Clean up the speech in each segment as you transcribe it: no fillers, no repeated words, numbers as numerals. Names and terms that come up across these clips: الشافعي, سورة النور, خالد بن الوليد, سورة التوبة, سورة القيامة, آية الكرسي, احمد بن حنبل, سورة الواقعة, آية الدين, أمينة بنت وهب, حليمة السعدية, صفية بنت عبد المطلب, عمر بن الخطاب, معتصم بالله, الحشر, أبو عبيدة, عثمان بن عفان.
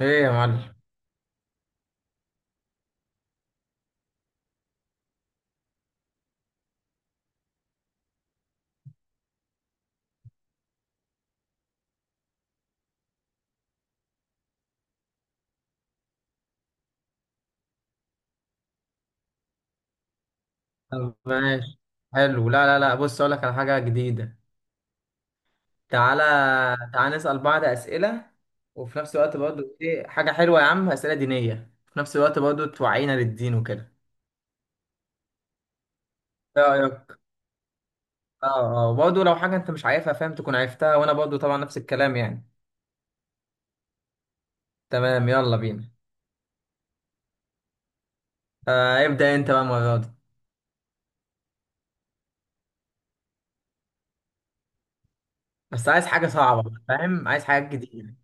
ايه يا معلم. طب ماشي. حلو. لا، لا، لا، بص اقول لك على حاجه جديده. تعالى، تعالى، نسال بعض اسئله، وفي نفس الوقت برضو ايه حاجه حلوه يا عم. اسئله دينيه في نفس الوقت برضو توعينا للدين وكده. ايه رايك؟ اه، اه، برضو لو حاجه انت مش عارفها فاهم تكون عرفتها، وانا برضو طبعا نفس الكلام يعني. تمام، يلا بينا. آه، ابدا انت بقى المره دي. بس عايز حاجه صعبه بقى، فاهم، عايز حاجات جديده.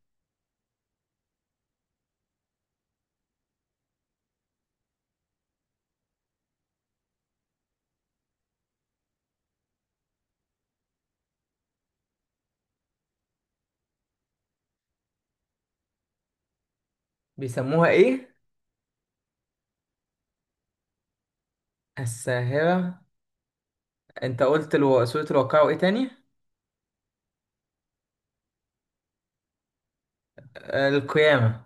بيسموها ايه؟ الساهره. انت قلت سوره الواقعه وايه تاني؟ آه، القيامه.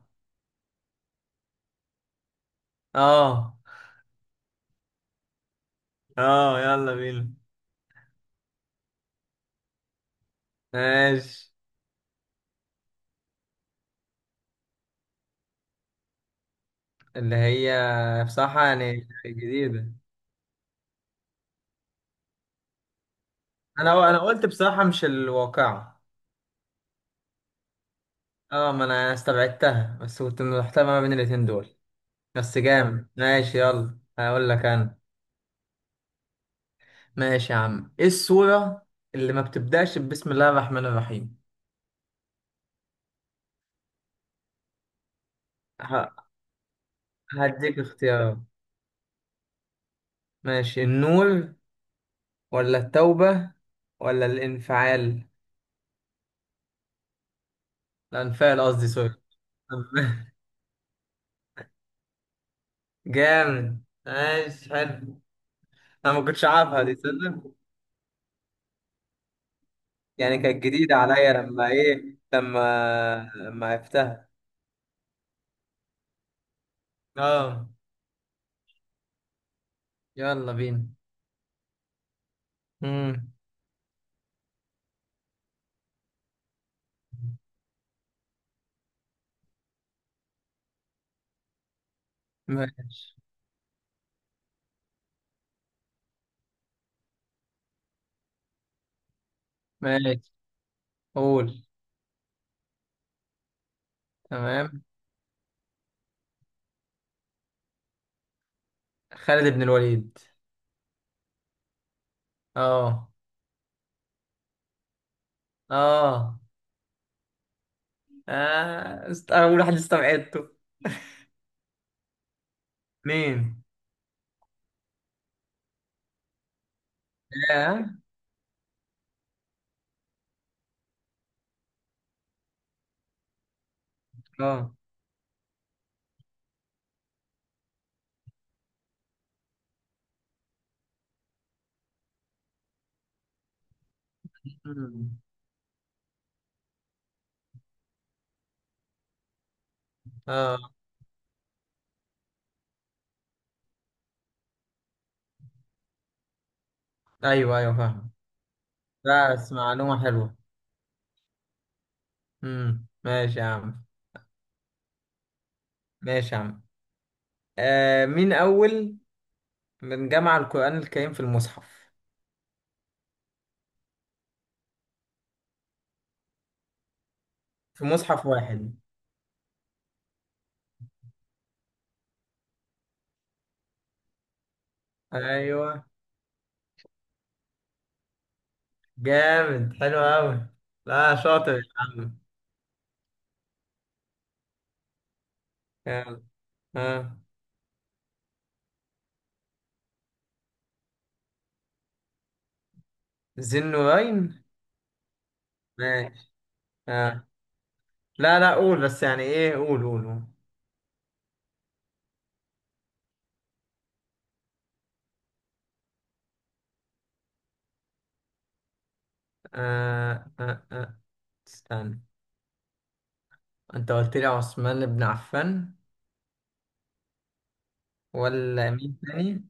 اه، اه، يلا بينا. ماشي. اللي هي بصراحة يعني جديدة. انا قلت بصراحة مش الواقعة. اه، ما انا استبعدتها بس كنت محتار ما بين الاتنين دول. بس جامد، ماشي، يلا هقول لك انا. ماشي يا عم، ايه السورة اللي ما بتبدأش بسم الله الرحمن الرحيم؟ ه- هديك اختيارات. ماشي، النور ولا التوبة ولا الانفعال. الانفعال، قصدي، سوري. جامد، ماشي، حلو. انا ما كنتش عارفها دي تصدق. يعني كانت جديدة عليا لما ايه لما لما عرفتها. اه، يلا بينا. امم ماشي، ماشي. قول. تمام. خالد بن الوليد. اه، اه، اه، اول واحد استبعدته. مين؟ اه، اه. مم. اه. ايوه، ايوه، فاهم. بس معلومة حلوة. ماشي يا عم. ماشي يا عم، آه، مين اول من جمع القرآن الكريم في المصحف، في مصحف واحد؟ أيوه. جامد، حلو أوي. لا، شاطر يا عم. يلا. آه. ذي النورين. ماشي. آه. لا، لا، قول بس يعني إيه. قول، قول، قول. آه. آه. آه. استنى، أنت قلت لي عثمان بن عفان ولا مين تاني؟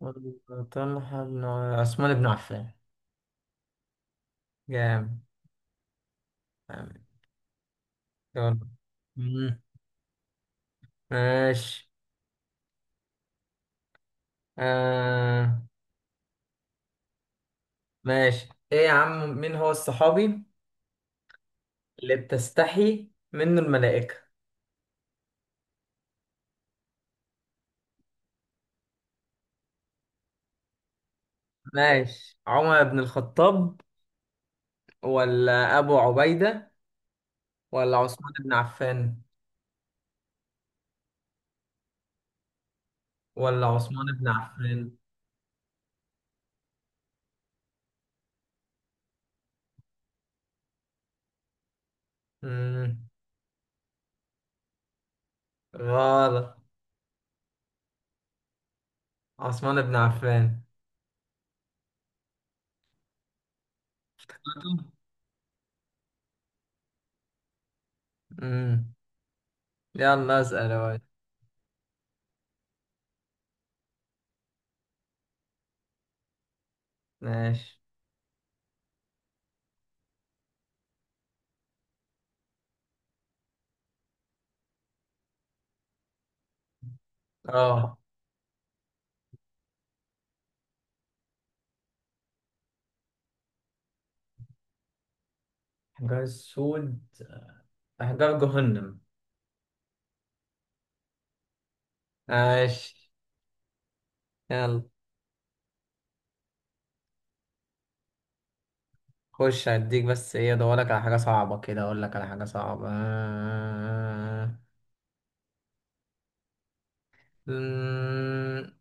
ولا طلحة بن عثمان بن عفان. جامد. جامد. يلا. مم. ماشي. آه. ماشي، ايه يا عم، مين هو الصحابي اللي بتستحي منه الملائكة؟ ماشي، عمر بن الخطاب ولا أبو عبيدة ولا عثمان بن عفان. ولا عثمان بن عفان. مم. غلط. عثمان بن عفان. امم يلا اسأل يا واد. ماشي. اه، حجار السود. احجار جهنم. ماشي، يلا. خش، هديك بس ايه، ادورلك على حاجة صعبة كده، اقول لك على حاجة صعبة. أمم،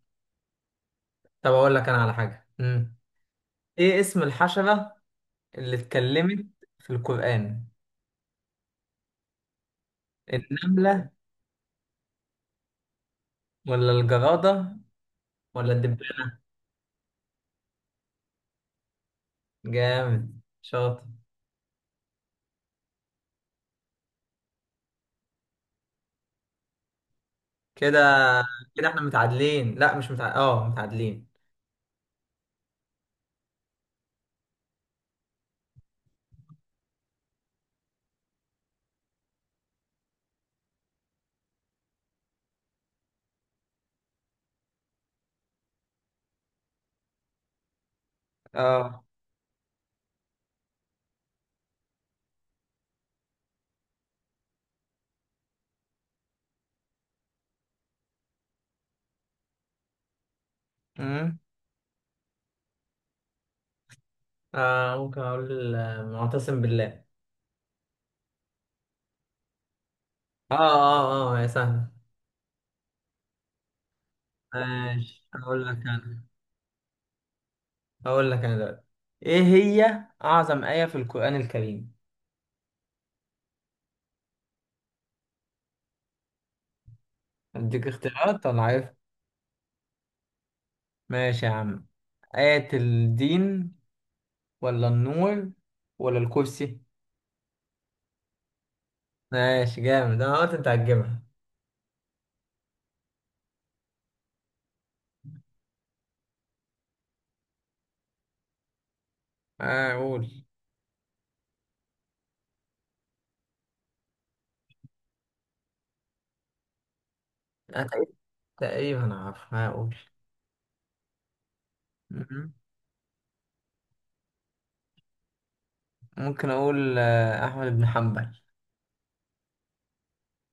طب اقول لك انا على حاجة ايه اسم الحشرة اللي اتكلمت في القرآن؟ النملة ولا الجرادة ولا الدبانة؟ جامد، شاطر. كده، كده احنا متعادلين، لا مش متعادلين، اه متعادلين. اه. أمم. اه، ممكن اقول معتصم بالله. اه، اه، اه، يا سهل. ماشي، اقول لك انا. هقول لك انا دلوقتي، ايه هي اعظم آية في القرآن الكريم؟ اديك اختيارات ولا عارف؟ ماشي يا عم، آية الدين ولا النور ولا الكرسي؟ ماشي، جامد، انا قلت انت هتجيبها. آه، قول. انا إيه؟ تقريبا عارفها، اقول. ممكن اقول احمد بن حنبل.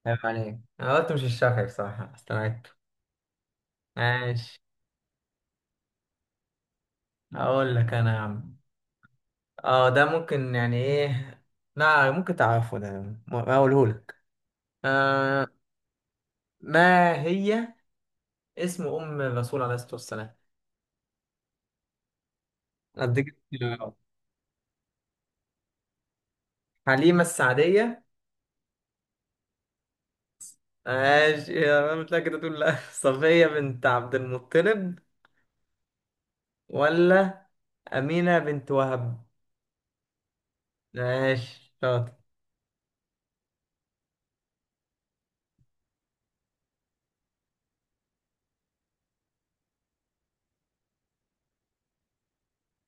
عيب عليك، انا قلت مش الشافعي بصراحة، استبعدت. ماشي، اقول لك انا يا عم. اه، ده ممكن يعني ايه، لا ممكن تعرفه ده، هقوله لك. آه. ما هي اسم أم الرسول عليه الصلاة والسلام؟ أديك اختيارات. حليمة السعدية. ماشي، يا مش كده تقول لا. صفية بنت عبد المطلب ولا أمينة بنت وهب؟ ماشي، شاطر.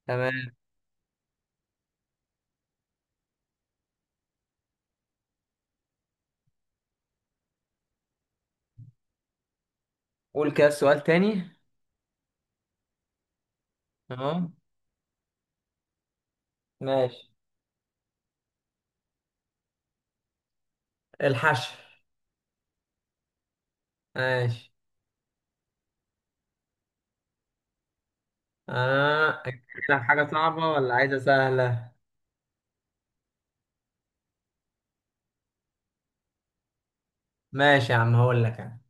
تمام. قول كده سؤال تاني. أهو. ماشي. الحشر. ماشي. آه، أجيب لك حاجة صعبة ولا عايزة سهلة؟ ماشي يا عم، هقول لك أنا،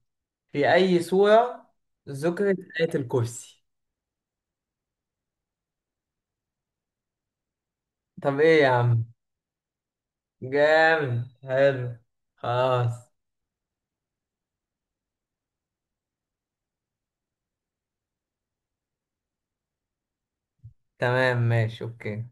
في أي سورة ذكرت آية الكرسي؟ طب إيه يا عم؟ جامد، حلو. خلاص. تمام، ماشي، اوكي.